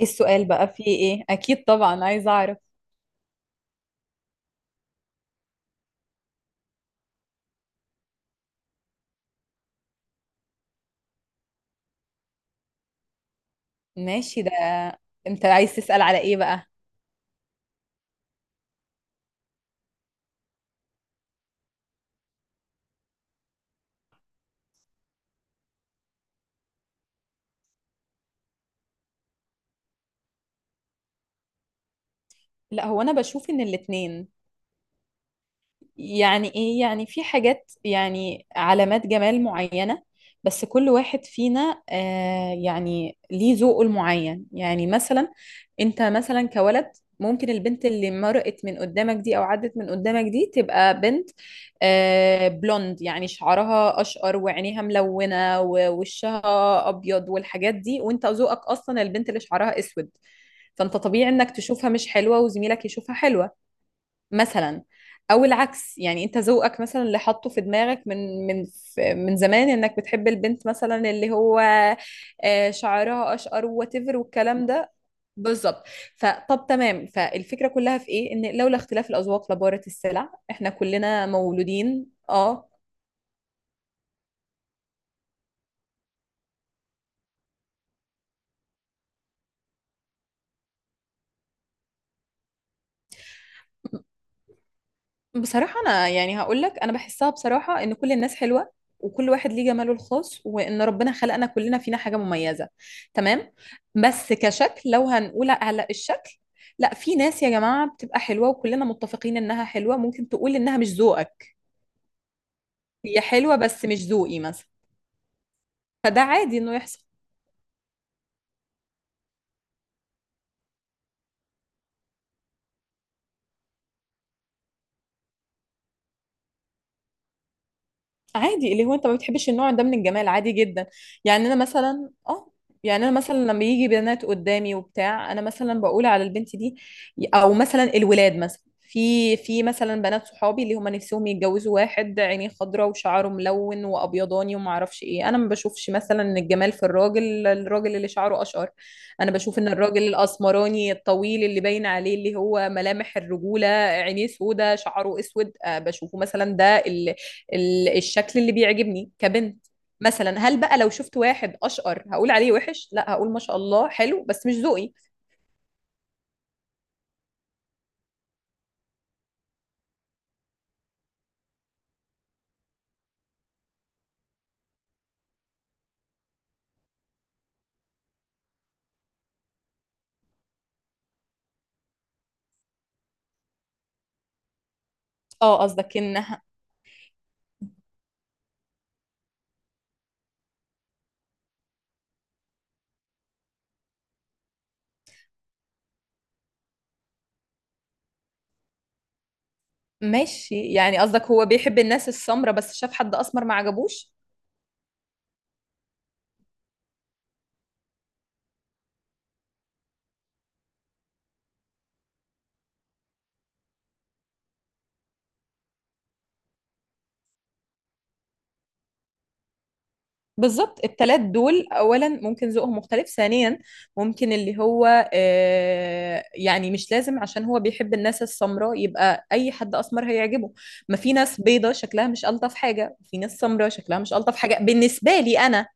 ايه السؤال بقى؟ في ايه؟ اكيد طبعا عايزه اعرف. ماشي ده. انت عايز تسأل على ايه بقى؟ لا، هو انا بشوف ان الاتنين. يعني ايه؟ يعني في حاجات، يعني علامات جمال معينة، بس كل واحد فينا يعني ليه ذوقه المعين. يعني مثلا انت مثلا كولد، ممكن البنت اللي مرقت من قدامك دي او عدت من قدامك دي تبقى بنت بلوند، يعني شعرها اشقر وعينيها ملونة ووشها ابيض والحاجات دي، وانت ذوقك اصلا البنت اللي شعرها اسود، فانت طبيعي انك تشوفها مش حلوة وزميلك يشوفها حلوة، مثلا. او العكس، يعني انت ذوقك مثلا اللي حاطه في دماغك من زمان انك بتحب البنت مثلا اللي هو شعرها اشقر واتيفر والكلام ده. بالظبط. فطب تمام، فالفكره كلها في ايه؟ ان لولا اختلاف الاذواق لبارت السلع. احنا كلنا مولودين اه. بصراحة أنا يعني هقول لك، أنا بحسها بصراحة إن كل الناس حلوة، وكل واحد ليه جماله الخاص، وإن ربنا خلقنا كلنا فينا حاجة مميزة. تمام. بس كشكل، لو هنقول على الشكل، لا، في ناس يا جماعة بتبقى حلوة وكلنا متفقين إنها حلوة، ممكن تقول إنها مش ذوقك. هي حلوة بس مش ذوقي، مثلا. فده عادي إنه يحصل. عادي، اللي هو انت ما بتحبش النوع ده من الجمال، عادي جدا. يعني انا مثلا اه، يعني انا مثلا لما يجي بنات قدامي وبتاع انا مثلا بقول على البنت دي، او مثلا الولاد مثلا، في مثلا بنات صحابي اللي هم نفسهم يتجوزوا واحد عينيه خضراء وشعره ملون وابيضاني وما اعرفش ايه. انا ما بشوفش مثلا ان الجمال في الراجل اللي شعره اشقر. انا بشوف ان الراجل الاسمراني الطويل اللي باين عليه اللي هو ملامح الرجوله، عينيه سودا شعره اسود، بشوفه مثلا ده الشكل اللي بيعجبني كبنت. مثلا هل بقى لو شفت واحد اشقر هقول عليه وحش؟ لا، هقول ما شاء الله حلو بس مش ذوقي. اه قصدك انها. ماشي، يعني قصدك هو بيحب الناس السمرة بس شاف حد اسمر ما عجبوش. بالظبط. التلات دول اولا ممكن ذوقهم مختلف، ثانيا ممكن اللي هو يعني مش لازم عشان هو بيحب الناس السمراء يبقى اي حد اسمر هيعجبه. ما في ناس بيضة شكلها مش الطف حاجة، في ناس سمراء شكلها مش الطف حاجة بالنسبة لي انا.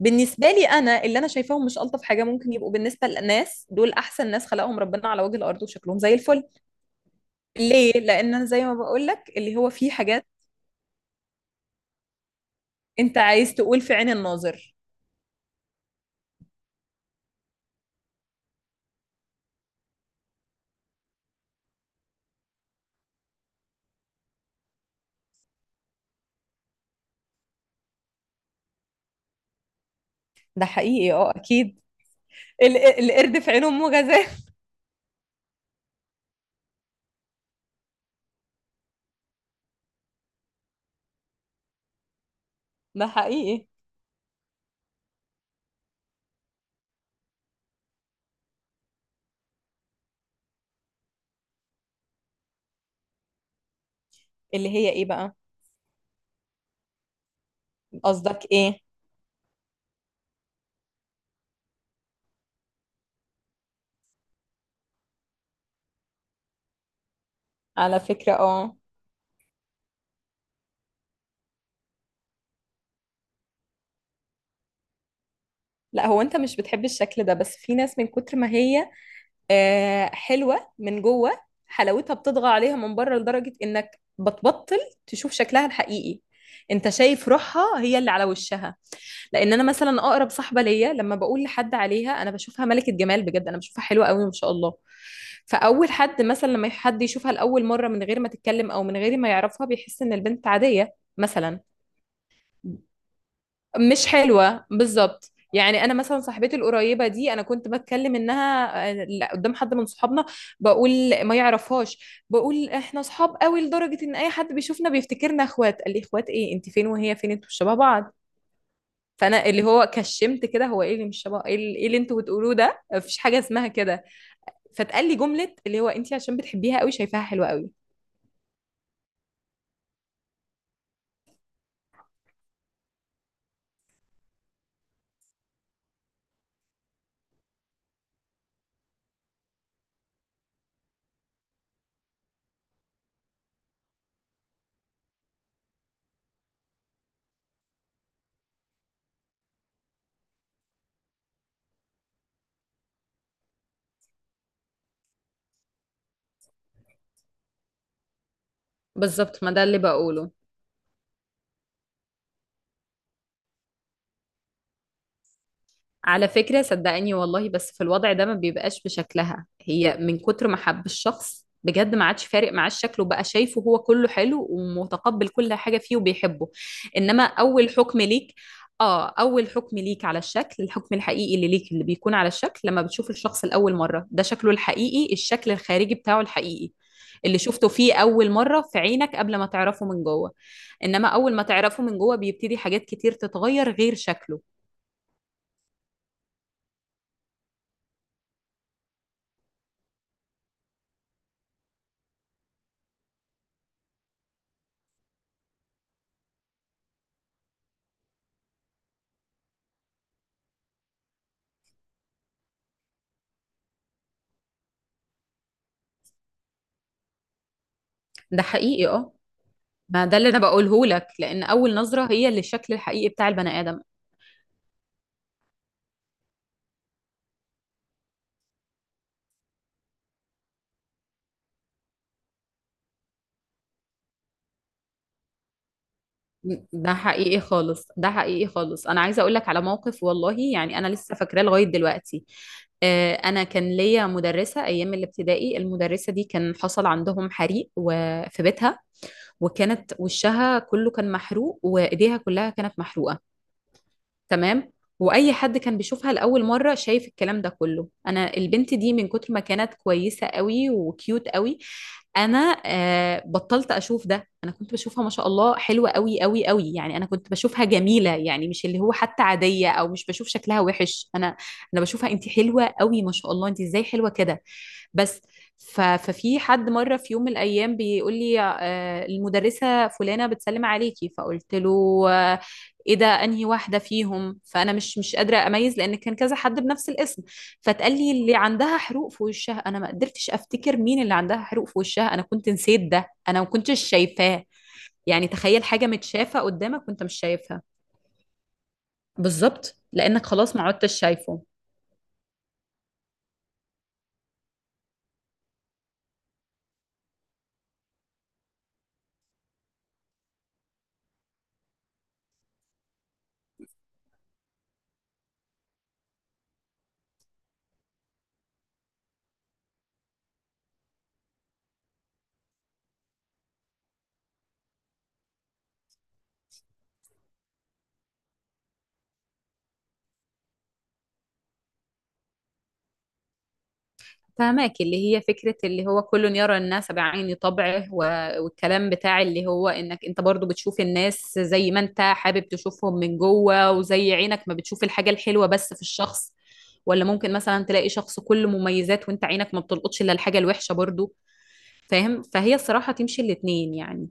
بالنسبة لي أنا اللي أنا شايفاهم مش ألطف حاجة، ممكن يبقوا بالنسبة للناس دول أحسن ناس خلقهم ربنا على وجه الأرض وشكلهم زي الفل. ليه؟ لأن أنا زي ما بقول لك اللي هو في حاجات. أنت عايز تقول في عين الناظر. ده حقيقي، أه أكيد. ال- القرد في عين أمه غزال. ده حقيقي. اللي هي إيه بقى؟ قصدك إيه؟ على فكرة أه. لا، هو أنت مش بتحب الشكل ده، بس في ناس من كتر ما هي حلوة من جوه، حلاوتها بتطغى عليها من بره لدرجة انك بتبطل تشوف شكلها الحقيقي. انت شايف روحها هي اللي على وشها. لان انا مثلا اقرب صاحبة ليا، لما بقول لحد عليها، انا بشوفها ملكة جمال بجد. انا بشوفها حلوة قوي ما شاء الله. فاول حد مثلا لما حد يشوفها لاول مرة من غير ما تتكلم او من غير ما يعرفها بيحس ان البنت عادية مثلا، مش حلوة. بالظبط. يعني انا مثلا صاحبتي القريبه دي، انا كنت بتكلم انها آه، لا، قدام حد من صحابنا، بقول ما يعرفهاش، بقول احنا صحاب قوي لدرجه ان اي حد بيشوفنا بيفتكرنا اخوات. قال لي اخوات ايه؟ انت فين وهي فين؟ انتوا مش شبه بعض. فانا اللي هو كشمت كده، هو ايه اللي مش شبه؟ ايه اللي إيه اللي انتوا بتقولوه ده؟ مفيش حاجه اسمها كده. فتقال لي جمله اللي هو انت عشان بتحبيها قوي شايفاها حلوه قوي. بالظبط، ما ده اللي بقوله. على فكرة صدقني والله، بس في الوضع ده ما بيبقاش بشكلها هي، من كتر ما حب الشخص بجد ما عادش فارق معاه الشكل، وبقى شايفه هو كله حلو ومتقبل كل حاجة فيه وبيحبه. إنما أول حكم ليك، آه، أول حكم ليك على الشكل، الحكم الحقيقي اللي ليك اللي بيكون على الشكل لما بتشوف الشخص لأول مرة، ده شكله الحقيقي، الشكل الخارجي بتاعه الحقيقي اللي شفته فيه أول مرة في عينك قبل ما تعرفه من جوه. إنما أول ما تعرفه من جوه بيبتدي حاجات كتير تتغير غير شكله. ده حقيقي آه. ما ده اللي انا بقوله لك. لان اول نظره هي اللي الشكل الحقيقي بتاع البني ادم. ده حقيقي خالص، ده حقيقي خالص. انا عايزه اقول لك على موقف والله، يعني انا لسه فاكراه لغايه دلوقتي. انا كان ليا مدرسه ايام الابتدائي، المدرسه دي كان حصل عندهم حريق وفي بيتها، وكانت وشها كله كان محروق وايديها كلها كانت محروقه، تمام؟ واي حد كان بيشوفها لاول مره شايف الكلام ده كله. انا البنت دي من كتر ما كانت كويسه قوي وكيوت قوي، انا آه بطلت اشوف ده. انا كنت بشوفها ما شاء الله حلوه قوي قوي قوي، يعني انا كنت بشوفها جميله، يعني مش اللي هو حتى عاديه او مش بشوف شكلها وحش، انا انا بشوفها انت حلوه قوي ما شاء الله، انت ازاي حلوه كده. بس ففي حد مره في يوم من الايام بيقول لي آه المدرسه فلانه بتسلم عليكي، فقلت له آه، ايه ده؟ انهي واحده فيهم؟ فانا مش قادره اميز لان كان كذا حد بنفس الاسم. فتقال لي اللي عندها حروق في وشها. انا ما قدرتش افتكر مين اللي عندها حروق في وشها. انا كنت نسيت ده، انا ما كنتش شايفاه. يعني تخيل حاجه متشافه قدامك وانت مش شايفها. بالظبط، لانك خلاص ما عدتش شايفه. فهماك اللي هي فكرة اللي هو كل يرى الناس بعين طبعه، والكلام بتاع اللي هو انك انت برضو بتشوف الناس زي ما انت حابب تشوفهم من جوه، وزي عينك ما بتشوف الحاجة الحلوة بس في الشخص. ولا ممكن مثلا تلاقي شخص كله مميزات وانت عينك ما بتلقطش الا الحاجة الوحشة برضو. فاهم؟ فهي الصراحة تمشي الاتنين يعني.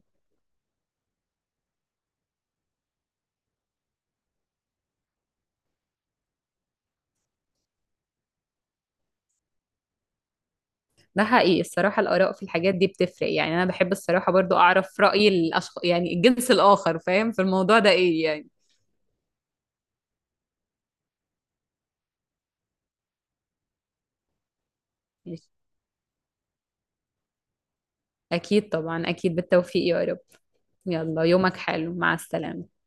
ده حقيقي. الصراحة الآراء في الحاجات دي بتفرق، يعني أنا بحب الصراحة برضو أعرف رأي الأشخاص، يعني الجنس الآخر فاهم في الموضوع ده إيه يعني. أكيد طبعا، أكيد. بالتوفيق يا رب. يلا، يومك حلو، مع السلامة.